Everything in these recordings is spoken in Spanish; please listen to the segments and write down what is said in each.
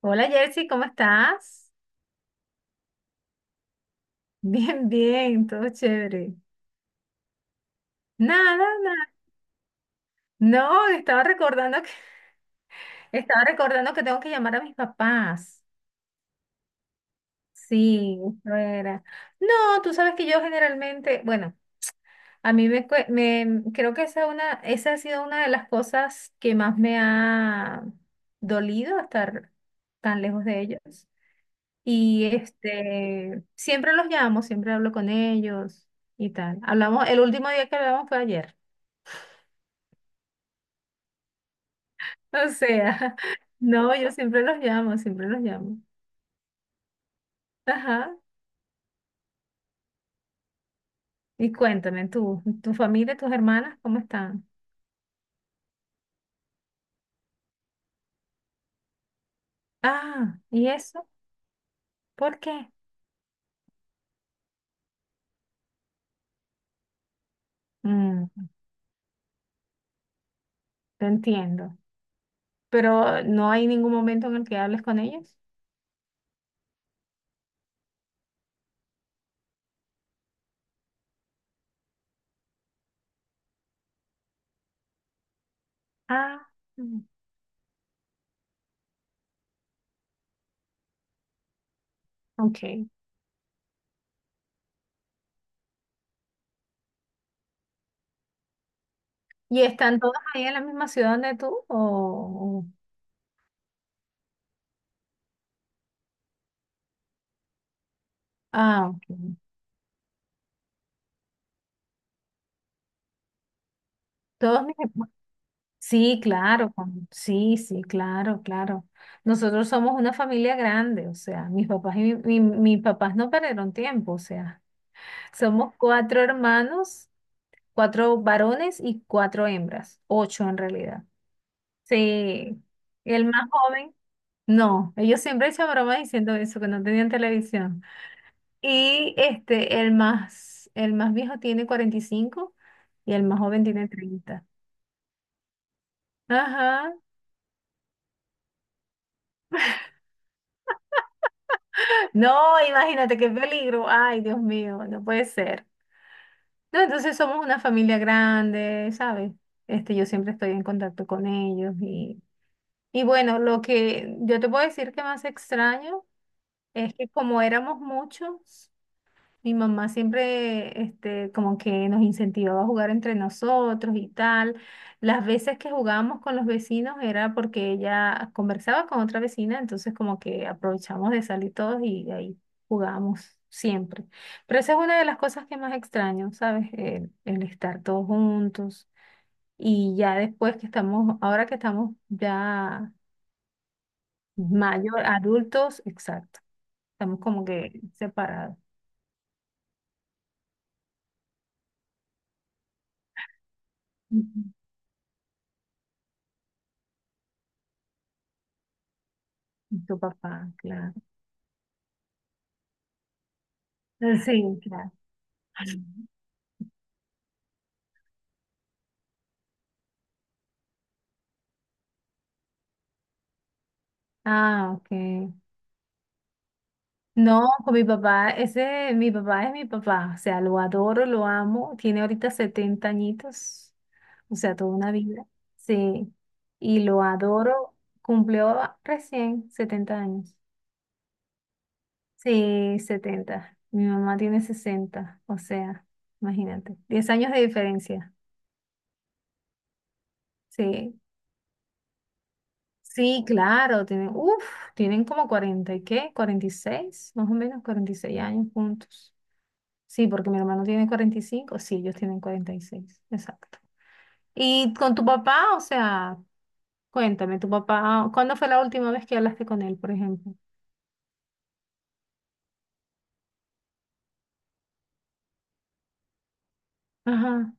Hola Jersey, ¿cómo estás? Bien, bien, todo chévere. Nada, nada. No, estaba recordando que tengo que llamar a mis papás. Sí, eso era. No, tú sabes que yo generalmente, bueno, a mí me creo que esa ha sido una de las cosas que más me ha dolido estar tan lejos de ellos. Y siempre los llamo, siempre hablo con ellos y tal. Hablamos, el último día que hablamos fue ayer. O sea, no, yo siempre los llamo, siempre los llamo. Ajá. Y cuéntame, tú, tu familia, tus hermanas, ¿cómo están? Ah, ¿y eso? ¿Por qué? Mm, Te entiendo. Pero no hay ningún momento en el que hables con ellos. Ah, mm, ok. ¿Y están todos ahí en la misma ciudad donde tú? Ah, ok. Todos mis... Sí, claro, sí, sí, claro, claro. Nosotros somos una familia grande, o sea, mis papás y mis papás no perdieron tiempo, o sea, somos cuatro hermanos, cuatro varones y cuatro hembras, ocho en realidad. Sí, el más joven, no, ellos siempre echan bromas diciendo eso, que no tenían televisión. Y el más viejo tiene 45 y el más joven tiene 30. Ajá. No, imagínate qué peligro. Ay, Dios mío, no puede ser. No, entonces somos una familia grande, ¿sabes? Yo siempre estoy en contacto con ellos y bueno, lo que yo te puedo decir que más extraño es que como éramos muchos, mi mamá siempre, como que nos incentivaba a jugar entre nosotros y tal. Las veces que jugábamos con los vecinos era porque ella conversaba con otra vecina, entonces como que aprovechamos de salir todos y ahí jugábamos siempre. Pero esa es una de las cosas que más extraño, ¿sabes? El estar todos juntos. Y ya después que estamos, ahora que estamos ya mayor, adultos, exacto. Estamos como que separados. Ujú. Y tu papá, claro. Sí, claro. Ah, ok. No, con mi papá, ese, mi papá es mi papá, o sea, lo adoro, lo amo, tiene ahorita 70 añitos, o sea, toda una vida, sí, y lo adoro, cumplió recién 70 años, sí, 70. Mi mamá tiene 60, o sea, imagínate, 10 años de diferencia, sí, sí, claro, tienen como 40 y qué, 46, más o menos 46 años juntos. Sí, porque mi hermano tiene 45, sí, ellos tienen 46, exacto. ¿Y con tu papá? O sea, cuéntame, tu papá, ¿cuándo fue la última vez que hablaste con él, por ejemplo? Ajá.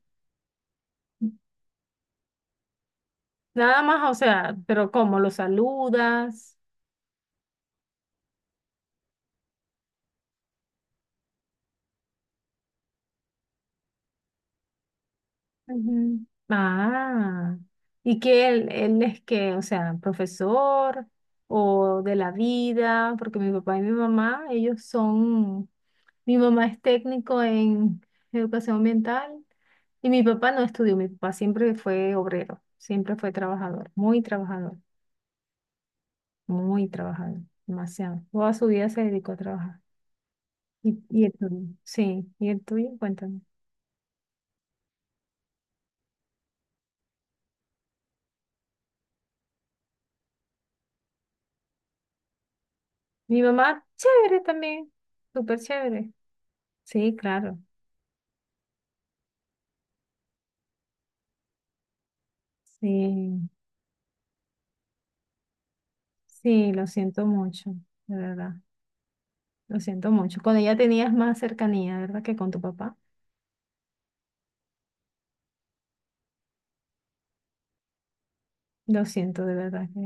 Nada más, o sea, pero ¿cómo lo saludas? Ujú. Ah, y que él es que, o sea, profesor o de la vida, porque mi papá y mi mamá, ellos son. Mi mamá es técnico en educación ambiental y mi papá no estudió. Mi papá siempre fue obrero, siempre fue trabajador, muy trabajador, muy trabajador, demasiado. Toda su vida se dedicó a trabajar. ¿Y el tuyo? Sí, ¿y el tuyo? Cuéntame. Mi mamá, chévere también, súper chévere. Sí, claro. Sí, sí, lo siento mucho, de verdad. Lo siento mucho. Con ella tenías más cercanía, ¿verdad? Que con tu papá. Lo siento, de verdad. Que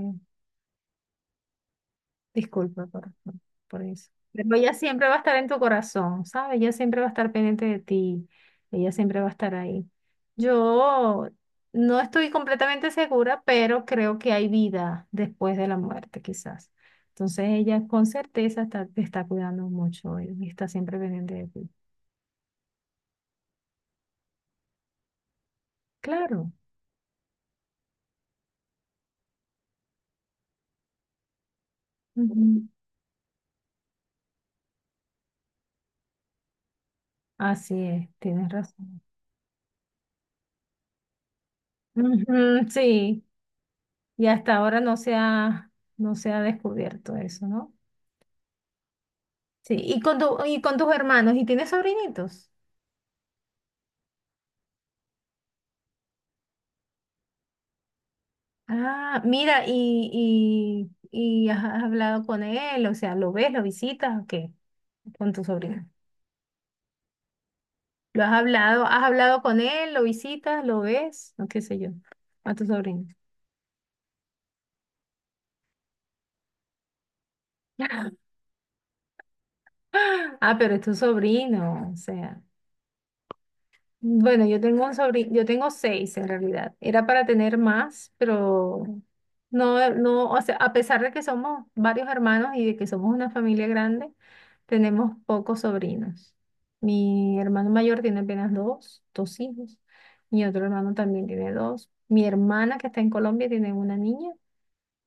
Disculpa por eso. Pero ella siempre va a estar en tu corazón, ¿sabes? Ella siempre va a estar pendiente de ti. Ella siempre va a estar ahí. Yo no estoy completamente segura, pero creo que hay vida después de la muerte, quizás. Entonces ella con certeza te está cuidando mucho y está siempre pendiente de ti. Claro. Ujú. Así es, tienes razón. Ujú, sí, y hasta ahora no se ha descubierto eso, ¿no? Sí, y con tus hermanos, ¿y tienes sobrinitos? Ah, mira, y has hablado con él, o sea, ¿lo ves, lo visitas o qué? Con tu sobrino. ¿Lo has hablado? ¿Has hablado con él? ¿Lo visitas? ¿Lo ves? O qué sé yo, a tu sobrino. Ah, pero es tu sobrino, o sea. Bueno, yo tengo un sobrino, yo tengo seis en realidad. Era para tener más, pero no, no, o sea, a pesar de que somos varios hermanos y de que somos una familia grande, tenemos pocos sobrinos. Mi hermano mayor tiene apenas dos hijos. Mi otro hermano también tiene dos. Mi hermana que está en Colombia tiene una niña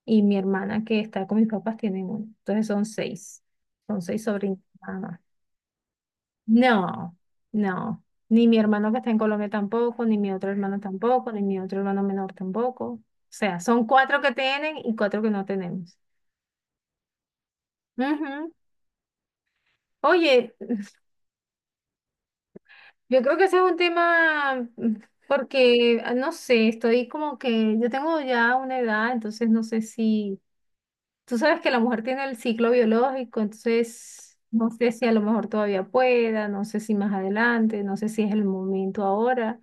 y mi hermana que está con mis papás tiene una. Entonces son seis sobrinos nada más. No, no. Ni mi hermano que está en Colombia tampoco, ni mi otro hermano tampoco, ni mi otro hermano menor tampoco. O sea, son cuatro que tienen y cuatro que no tenemos. Ujú. Oye, yo creo que ese es un tema, porque, no sé, estoy como que yo tengo ya una edad, entonces no sé si, tú sabes que la mujer tiene el ciclo biológico, entonces no sé si a lo mejor todavía pueda, no sé si más adelante, no sé si es el momento ahora.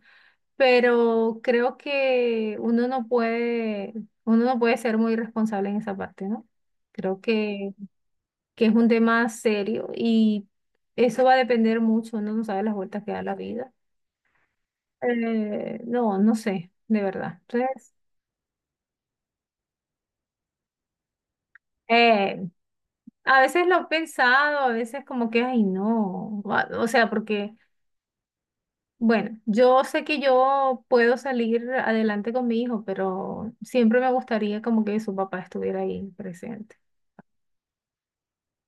Pero creo que uno no puede ser muy responsable en esa parte, ¿no? Creo que es un tema serio y eso va a depender mucho, uno no sabe las vueltas que da la vida. No, no sé, de verdad. Entonces, eh, a veces lo he pensado, a veces como que, ay, no, o sea, porque, bueno, yo sé que yo puedo salir adelante con mi hijo, pero siempre me gustaría como que su papá estuviera ahí presente.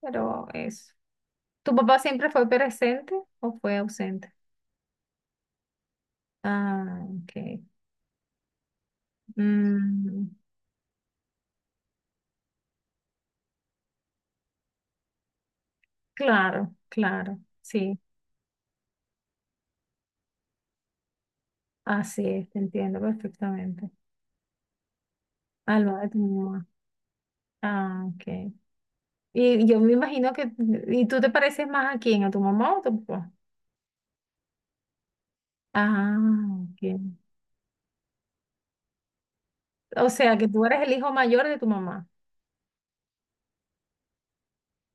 Pero eso. ¿Tu papá siempre fue presente o fue ausente? Ah, ok. Mm, claro, claro. Sí, así es, te entiendo perfectamente. Al lado de tu mamá. Ah, ok. Y yo me imagino que. ¿Y tú te pareces más a quién? ¿A tu mamá o a tu papá? Ah, ok. O sea, que tú eres el hijo mayor de tu mamá.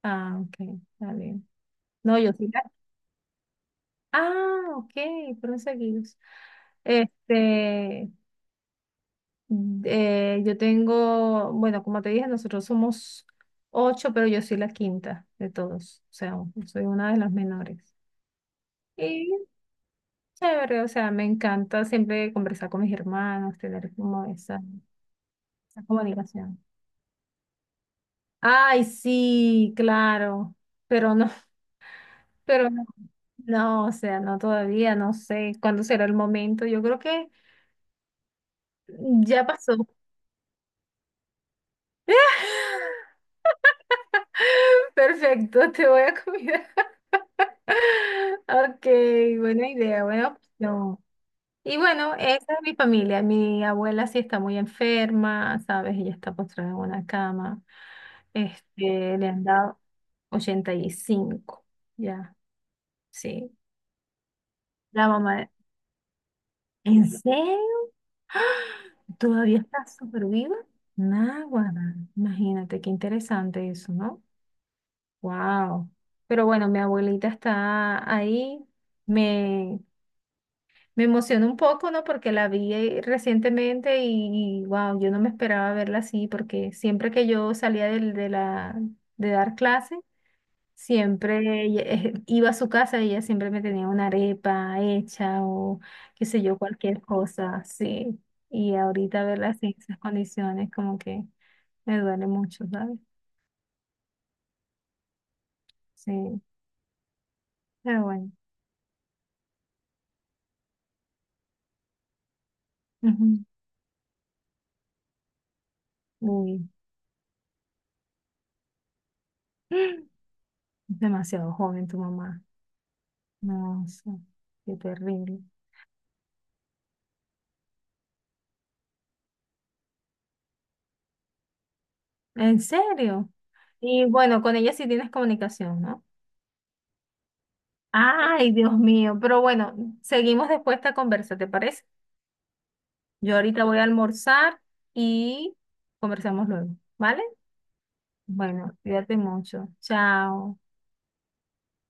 Ah, ok. Está bien. No, yo sí. Ah, ok. Fueron seguidos. Este. Yo tengo, bueno, como te dije, nosotros somos ocho, pero yo soy la quinta de todos, o sea, soy una de las menores. Y chévere, o sea, me encanta siempre conversar con mis hermanos, tener como esa comunicación. Ay, sí, claro, pero no, pero no, no, o sea, no todavía, no sé cuándo será el momento. Yo creo que ya pasó. Perfecto, te voy a cuidar. Ok, buena idea, buena opción. Y bueno, esa es mi familia. Mi abuela sí está muy enferma, ¿sabes? Ella está postrada en una cama. Le han dado 85. Ya, sí. La mamá, ¿en serio? ¿Todavía está súper viva? Náguara, imagínate, qué interesante eso, ¿no? Wow. Pero bueno, mi abuelita está ahí. Me, Me emocionó un poco, ¿no? Porque la vi recientemente y, wow, yo no me esperaba verla así, porque siempre que yo salía de dar clase, siempre iba a su casa y ella siempre me tenía una arepa hecha o qué sé yo, cualquier cosa, sí. Y ahorita verla así, en esas condiciones, como que me duele mucho, ¿sabes? Sí, pero bueno. Ujú, uy, demasiado joven tu mamá. No sé, qué terrible. ¿En serio? Y bueno, con ella sí tienes comunicación, ¿no? Ay, Dios mío, pero bueno, seguimos después esta conversa, ¿te parece? Yo ahorita voy a almorzar y conversamos luego, ¿vale? Bueno, cuídate mucho. Chao.